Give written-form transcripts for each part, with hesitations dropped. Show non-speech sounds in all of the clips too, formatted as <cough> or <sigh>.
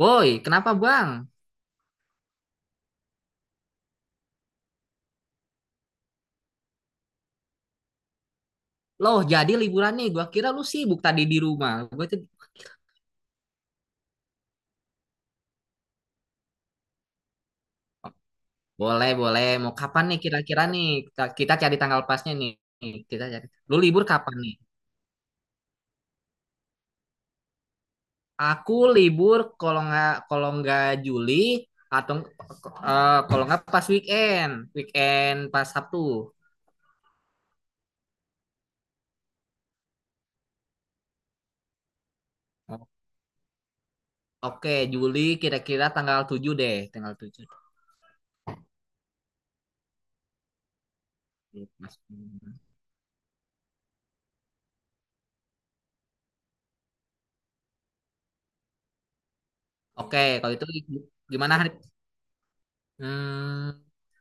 Woi, kenapa Bang? Loh, jadi liburan nih. Gua kira lu sibuk tadi di rumah. Gue tuh. Boleh, boleh. Mau kapan nih kira-kira nih? Kita cari tanggal pasnya nih. Kita cari. Lu libur kapan nih? Aku libur kalau nggak Juli atau kalau nggak pas weekend, weekend pas Sabtu. O- Oke, Juli kira-kira tanggal 7 deh, tanggal 7. Mas- Oke, kalau itu gimana hari? Hmm,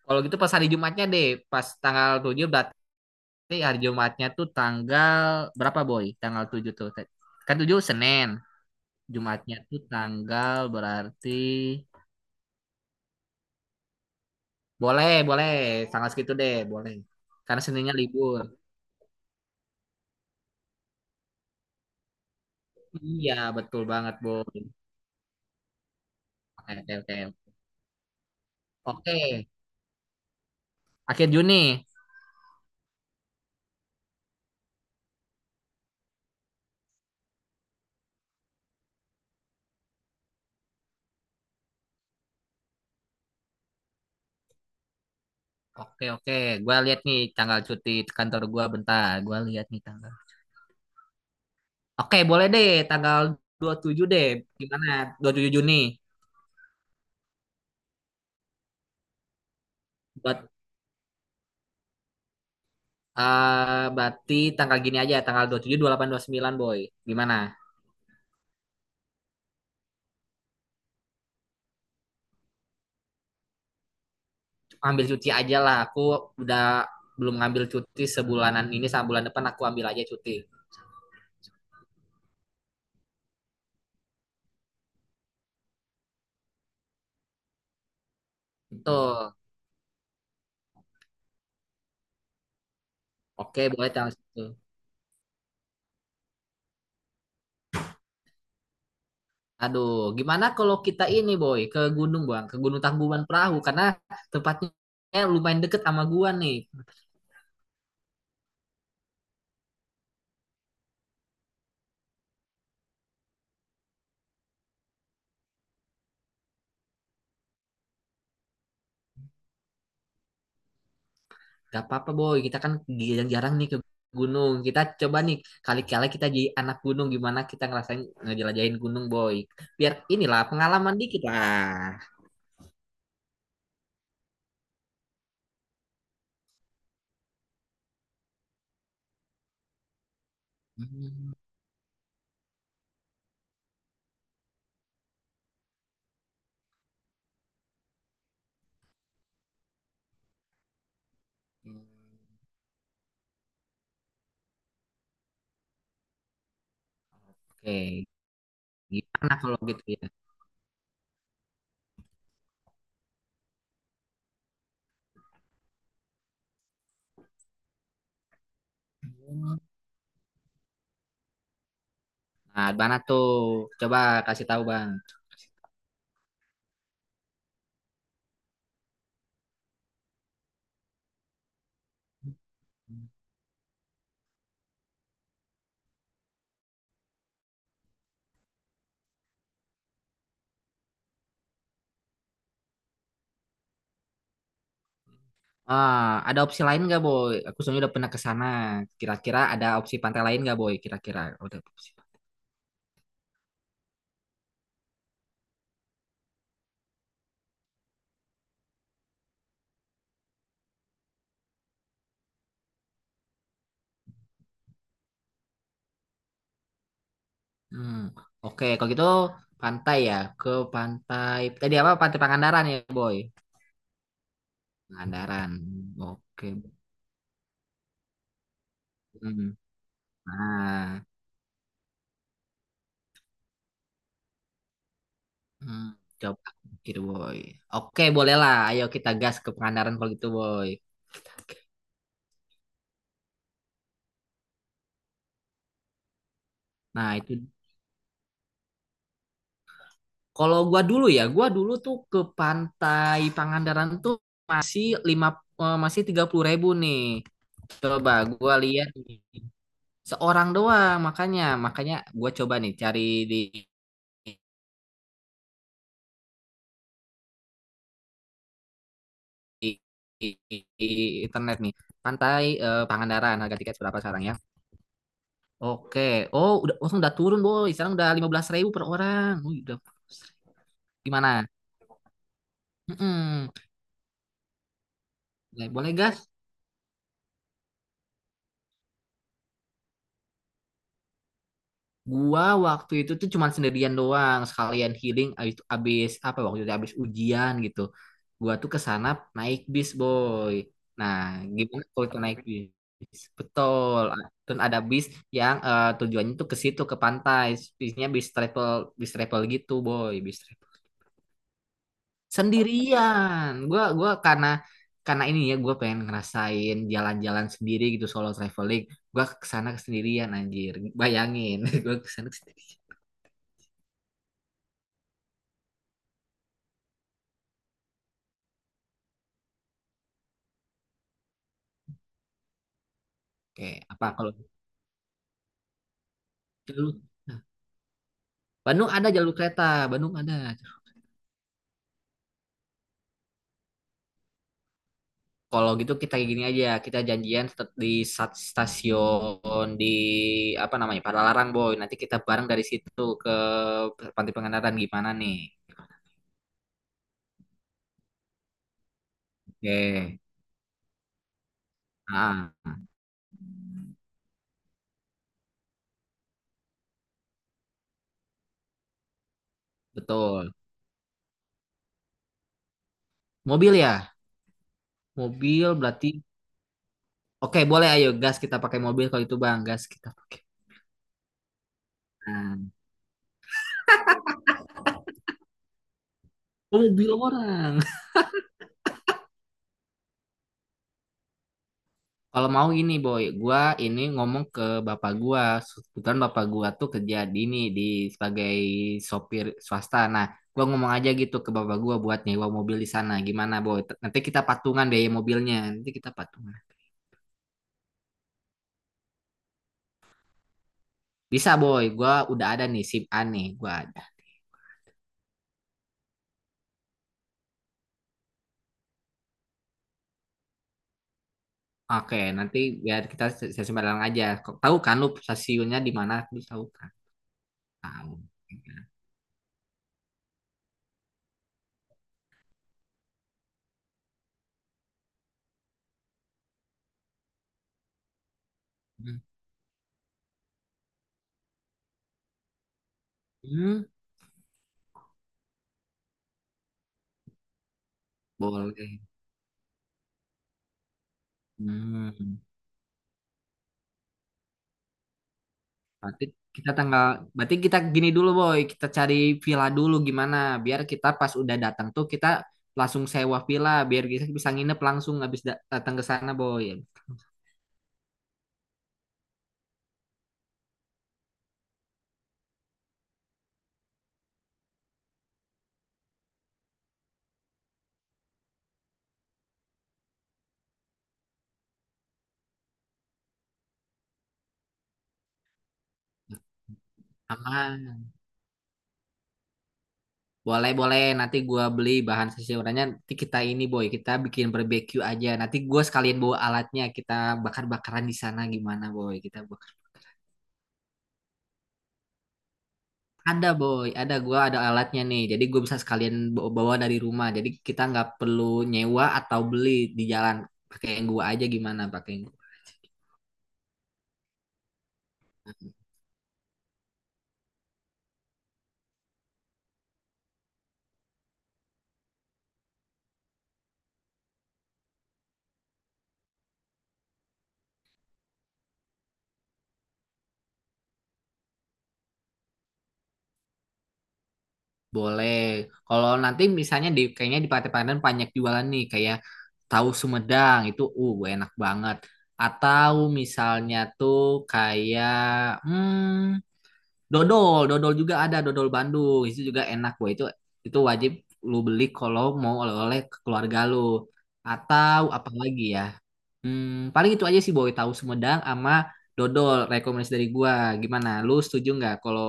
Kalau gitu pas hari Jumatnya deh, pas tanggal 7 berarti. Tapi hari Jumatnya tuh tanggal berapa, Boy? Tanggal 7 tuh. Kan 7 Senin. Jumatnya tuh tanggal berarti. Boleh, boleh. Tanggal segitu deh, boleh. Karena Seninnya libur. Iya, betul banget, Boy. Oke, oke, oke. Oke, akhir Juni. Oke, oke. Gua lihat nih tanggal cuti kantor gua bentar. Gua lihat nih tanggal. Oke, boleh deh tanggal 27 deh. Gimana? 27 Juni buat. Berarti tanggal gini aja, tanggal dua dua puluh puluh tujuh 28 29, Boy. Gimana? Ambil cuti aja lah. Aku udah belum ngambil cuti sebulanan ini, sama bulan depan aku ambil aja cuti. Betul. Oke, boleh tanggal situ. Aduh, gimana kalau kita ini, Boy, ke gunung, Bang, ke Gunung Tangkuban Perahu karena tempatnya lumayan deket sama gua nih. Gak apa-apa, boy, kita kan jarang-jarang nih ke gunung. Kita coba nih kali-kali kita jadi anak gunung gimana kita ngerasain ngejelajahin gunung, boy. Biar inilah pengalaman dikit lah. Hmm. Oke, gimana kalau gitu ya? Nah, mana tuh? Coba kasih tahu, Bang. Ah, ada opsi lain nggak, boy? Aku soalnya udah pernah ke sana. Kira-kira ada opsi pantai lain nggak, boy? Kira-kira udah opsi. Hmm. Oke, kalau gitu pantai ya ke pantai. Tadi apa? Pantai Pangandaran ya, boy. Pangandaran. Oke. Hmm. Nah, hmm. Coba pikir, boy. Oke, bolehlah. Ayo kita gas ke Pangandaran kalau gitu, boy. Nah, itu kalau gua dulu ya, gua dulu tuh ke pantai Pangandaran tuh masih lima eh, masih 30.000 nih. Coba gua lihat nih. Seorang doang makanya makanya gua coba nih cari di, di- di- di internet nih. Pantai Pangandaran harga tiket berapa sekarang ya? Oke. Oh, udah langsung udah turun, Boy. Sekarang udah 15.000 per orang. Wih, udah gimana? Mm-mm. Boleh, boleh, gas. Gua waktu itu tuh cuman sendirian doang, sekalian healing abis, abis apa waktu itu abis ujian gitu. Gua tuh ke sana naik bis, Boy. Nah, gimana kalau kita naik bis? Betul. Dan ada bis yang tujuannya tuh ke situ ke pantai. Bisnya bis travel gitu, Boy, bis travel. Sendirian gua karena ini ya gua pengen ngerasain jalan-jalan sendiri gitu solo traveling. Gua kesana sendirian anjir, bayangin. <laughs> Gua kesana sendirian kayak apa. Kalau jalur Bandung ada, jalur kereta Bandung ada. Kalau gitu kita kayak gini aja, kita janjian tetap di stasiun di apa namanya Padalarang, boy. Nanti kita bareng dari situ ke Pantai Pengandaran, gimana nih? Oke. ah Betul. Mobil ya, mobil berarti. Oke, boleh, ayo gas kita pakai mobil kalau itu, Bang, gas kita pakai. Nah, oh, mobil orang. <laughs> Kalau mau ini, Boy, gua ini ngomong ke bapak gua, kebetulan bapak gua tuh kerja di ini di sebagai sopir swasta. Nah, gua ngomong aja gitu ke bapak gua buat nyewa mobil di sana. Gimana, Boy? Nanti kita patungan deh mobilnya. Nanti kita patungan. Bisa, Boy, gua udah ada nih SIM A nih, gua ada. Oke, nanti biar kita stasiun Balang aja. Kok, tahu kan lu stasiunnya di mana? Lu tahu kan? Tahu. Hmm. Hmm. Boleh. Hmm. Berarti kita tanggal, berarti kita gini dulu, boy, kita cari villa dulu gimana, biar kita pas udah datang tuh kita langsung sewa villa, biar kita bisa nginep langsung habis datang ke sana, boy. Aman. Boleh, boleh, nanti gua beli bahan seseorangnya, nanti kita ini, boy, kita bikin barbecue aja. Nanti gua sekalian bawa alatnya, kita bakar-bakaran di sana gimana, boy, kita bakar. Ada, boy, ada gua ada alatnya nih. Jadi gue bisa sekalian bawa bawa dari rumah. Jadi kita nggak perlu nyewa atau beli di jalan. Pakai yang gua aja gimana? Pakai yang gua. Boleh. Kalau nanti misalnya kayaknya di Pantai Pandan banyak jualan nih kayak tahu Sumedang itu enak banget. Atau misalnya tuh kayak hmm, dodol juga ada, dodol Bandung. Itu juga enak, gue itu wajib lu beli kalau mau oleh-oleh ke keluarga lu. Atau apa lagi ya? Paling itu aja sih, boy, tahu Sumedang sama dodol rekomendasi dari gua. Gimana? Lu setuju nggak kalau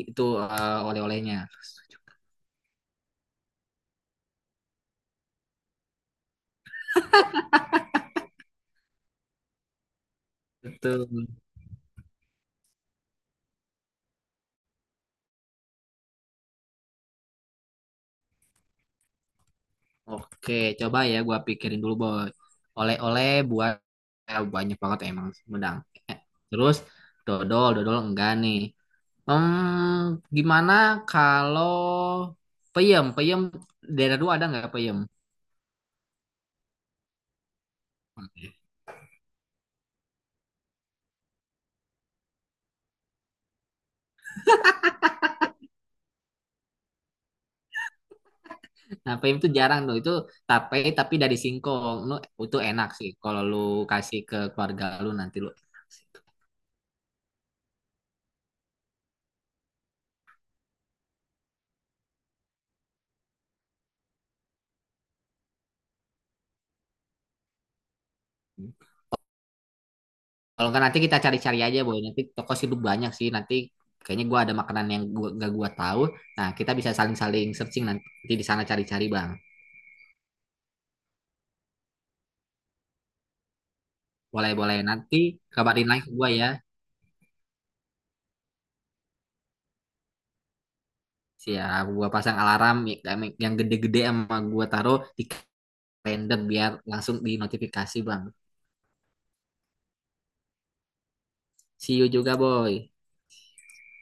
itu oleh-olehnya? Betul. Oke, coba ya gua pikirin dulu, boy. Oleh-oleh buat banyak banget emang Sumedang. Eh, Terus dodol enggak nih. Gimana kalau peyem? Peyem daerah lu ada nggak peyem? Nah, peyem tuh jarang tuh. Itu tape tapi dari singkong. Lu oh, itu enak sih kalau lu kasih ke keluarga lu nanti lu. Kalau nggak nanti kita cari-cari aja, boy. Nanti toko sih lu banyak sih. Nanti kayaknya gua ada makanan yang gua gak gua tahu. Nah, kita bisa saling-saling searching nanti di sana cari-cari, Bang. Boleh-boleh, nanti kabarin lagi ke gua ya. Siap, gua pasang alarm yang gede-gede sama gua taruh di random biar langsung di notifikasi, Bang. See you juga, boy.